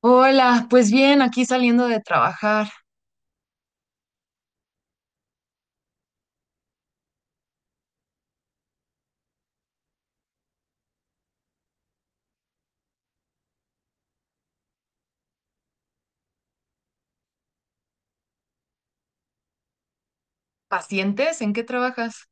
Hola, pues bien, aquí saliendo de trabajar. ¿Pacientes? ¿En qué trabajas?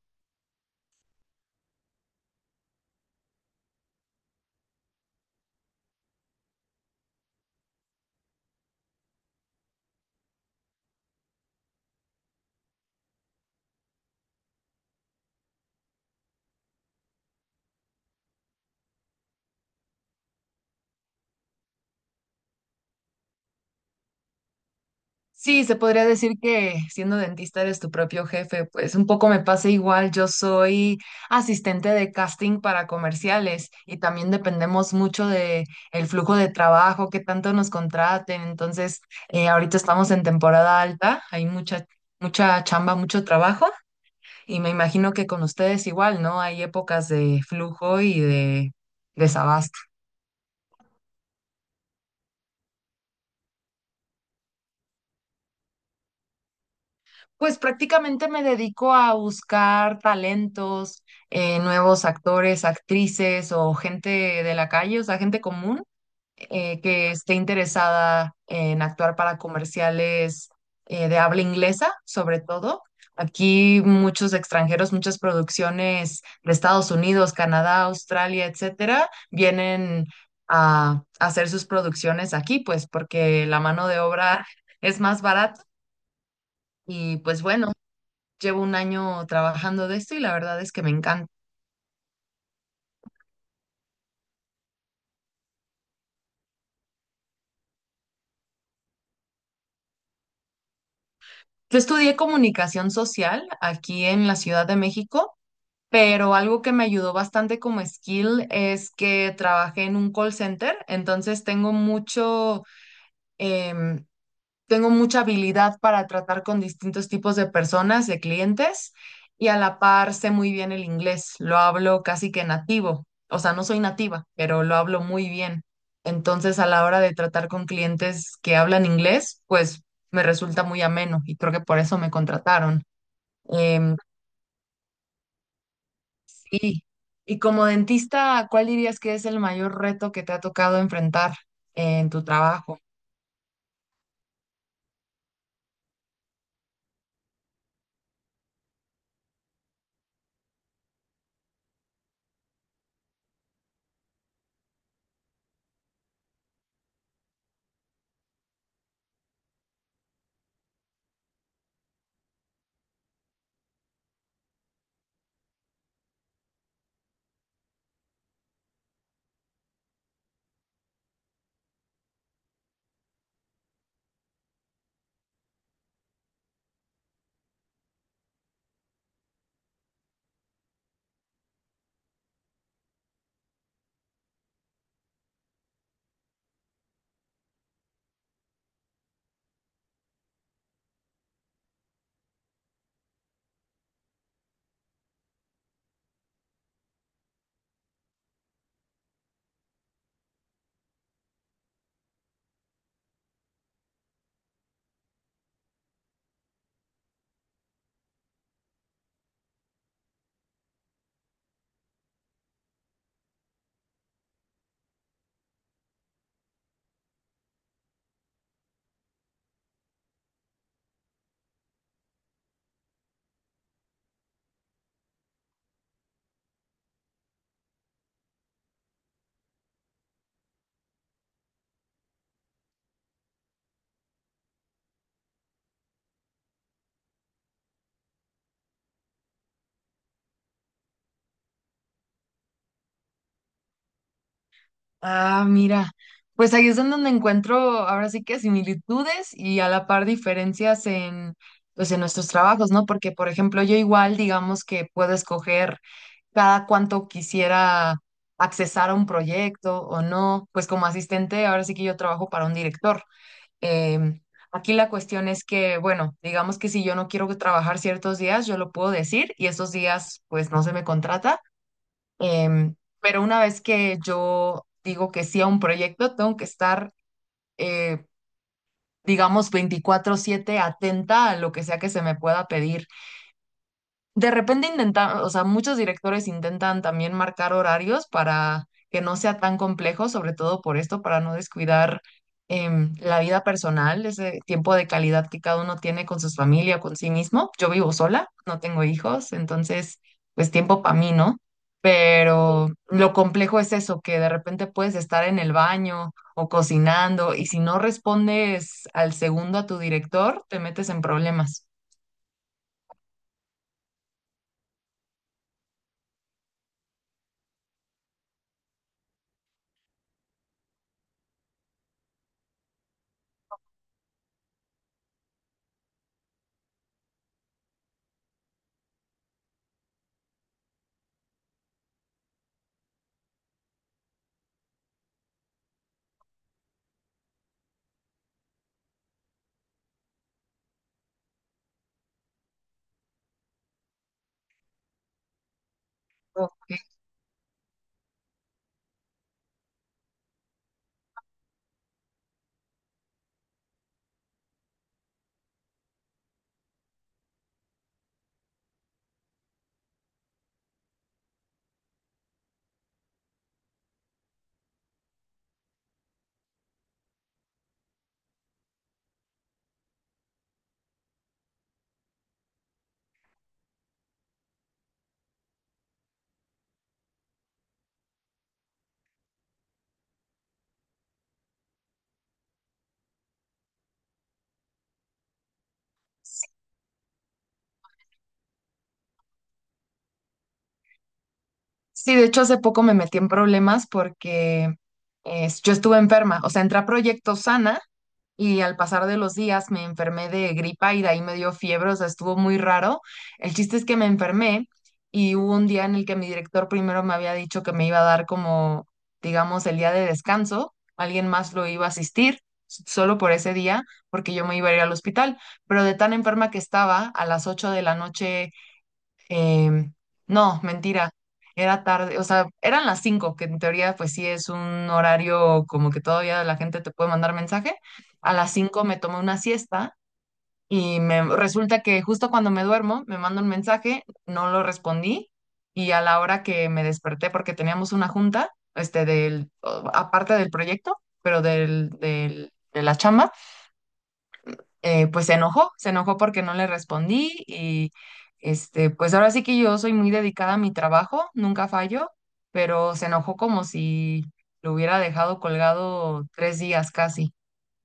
Sí, se podría decir que siendo dentista eres tu propio jefe, pues un poco me pasa igual. Yo soy asistente de casting para comerciales y también dependemos mucho de el flujo de trabajo, qué tanto nos contraten. Entonces, ahorita estamos en temporada alta, hay mucha, mucha chamba, mucho trabajo y me imagino que con ustedes igual, ¿no? Hay épocas de flujo y de desabasto. Pues prácticamente me dedico a buscar talentos, nuevos actores, actrices o gente de la calle, o sea, gente común que esté interesada en actuar para comerciales de habla inglesa, sobre todo. Aquí muchos extranjeros, muchas producciones de Estados Unidos, Canadá, Australia, etcétera, vienen a hacer sus producciones aquí, pues porque la mano de obra es más barata y pues bueno. Llevo un año trabajando de esto y la verdad es que me encanta. Yo estudié comunicación social aquí en la Ciudad de México, pero algo que me ayudó bastante como skill es que trabajé en un call center, entonces tengo mucho, em, tengo mucha habilidad para tratar con distintos tipos de personas, de clientes, y a la par sé muy bien el inglés, lo hablo casi que nativo, o sea, no soy nativa, pero lo hablo muy bien. Entonces, a la hora de tratar con clientes que hablan inglés, pues me resulta muy ameno y creo que por eso me contrataron. Em, sí. Y como dentista, ¿cuál dirías que es el mayor reto que te ha tocado enfrentar en tu trabajo? Ah, mira, pues ahí es en donde encuentro ahora sí que similitudes y a la par diferencias en, pues en nuestros trabajos, ¿no? Porque, por ejemplo, yo igual, digamos que puedo escoger cada cuánto quisiera accesar a un proyecto o no, pues como asistente, ahora sí que yo trabajo para un director. Em, Aquí la cuestión es que, bueno, digamos que si yo no quiero trabajar ciertos días, yo lo puedo decir y esos días, pues no se me contrata. Em, pero una vez que yo digo que sí a un proyecto, tengo que estar, eh, digamos, 24/7 atenta a lo que sea que se me pueda pedir. De repente intentan, o sea, muchos directores intentan también marcar horarios para que no sea tan complejo, sobre todo por esto, para no descuidar la vida personal, ese tiempo de calidad que cada uno tiene con su familia, con sí mismo. Yo vivo sola, no tengo hijos, entonces, pues tiempo para mí, ¿no? Pero lo complejo es eso, que de repente puedes estar en el baño o cocinando y si no respondes al segundo a tu director, te metes en problemas. Ok. Sí, de hecho hace poco me metí en problemas porque yo estuve enferma, o sea, entré a proyecto sana y al pasar de los días me enfermé de gripa y de ahí me dio fiebre, o sea, estuvo muy raro. El chiste es que me enfermé y hubo un día en el que mi director primero me había dicho que me iba a dar como, digamos, el día de descanso, alguien más lo iba a asistir solo por ese día porque yo me iba a ir al hospital, pero de tan enferma que estaba, a las 8 de la noche. Em, no, mentira. Era tarde, o sea, eran las 5 que en teoría pues sí es un horario como que todavía la gente te puede mandar mensaje. A las 5 me tomé una siesta y me resulta que justo cuando me duermo me manda un mensaje, no lo respondí y a la hora que me desperté porque teníamos una junta, aparte del proyecto, pero del de la chamba, pues se enojó porque no le respondí y pues ahora sí que yo soy muy dedicada a mi trabajo, nunca fallo, pero se enojó como si lo hubiera dejado colgado 3 días casi.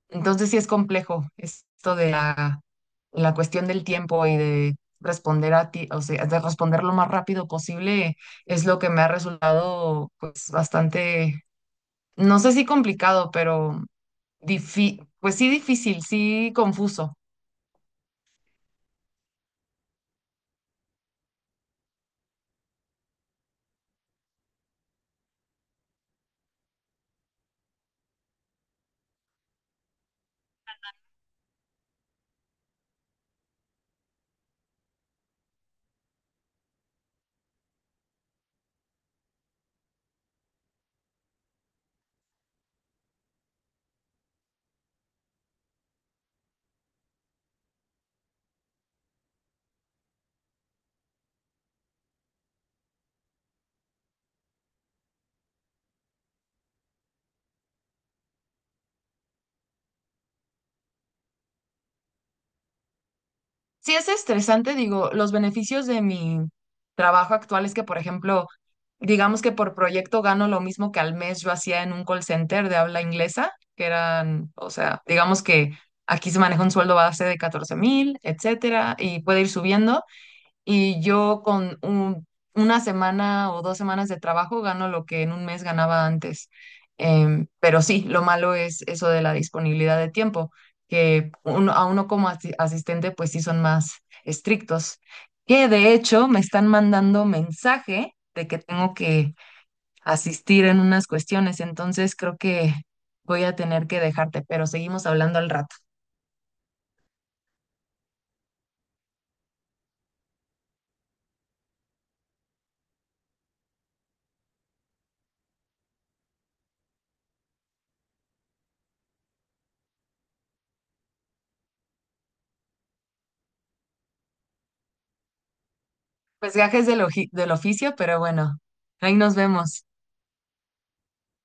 Entonces sí es complejo esto de la, la cuestión del tiempo y de responder a ti, o sea, de responder lo más rápido posible es lo que me ha resultado pues bastante, no sé si complicado, pero pues sí difícil, sí confuso. Sí, es estresante, digo, los beneficios de mi trabajo actual es que, por ejemplo, digamos que por proyecto gano lo mismo que al mes yo hacía en un call center de habla inglesa, que eran, o sea, digamos que aquí se maneja un sueldo base de 14.000, etcétera, y puede ir subiendo. Y yo con una semana o 2 semanas de trabajo gano lo que en un mes ganaba antes. Pero sí, lo malo es eso de la disponibilidad de tiempo, que uno, a uno como asistente pues sí son más estrictos. Que de hecho me están mandando mensaje de que tengo que asistir en unas cuestiones, entonces creo que voy a tener que dejarte, pero seguimos hablando al rato. Pues gajes del oficio, pero bueno, ahí nos vemos.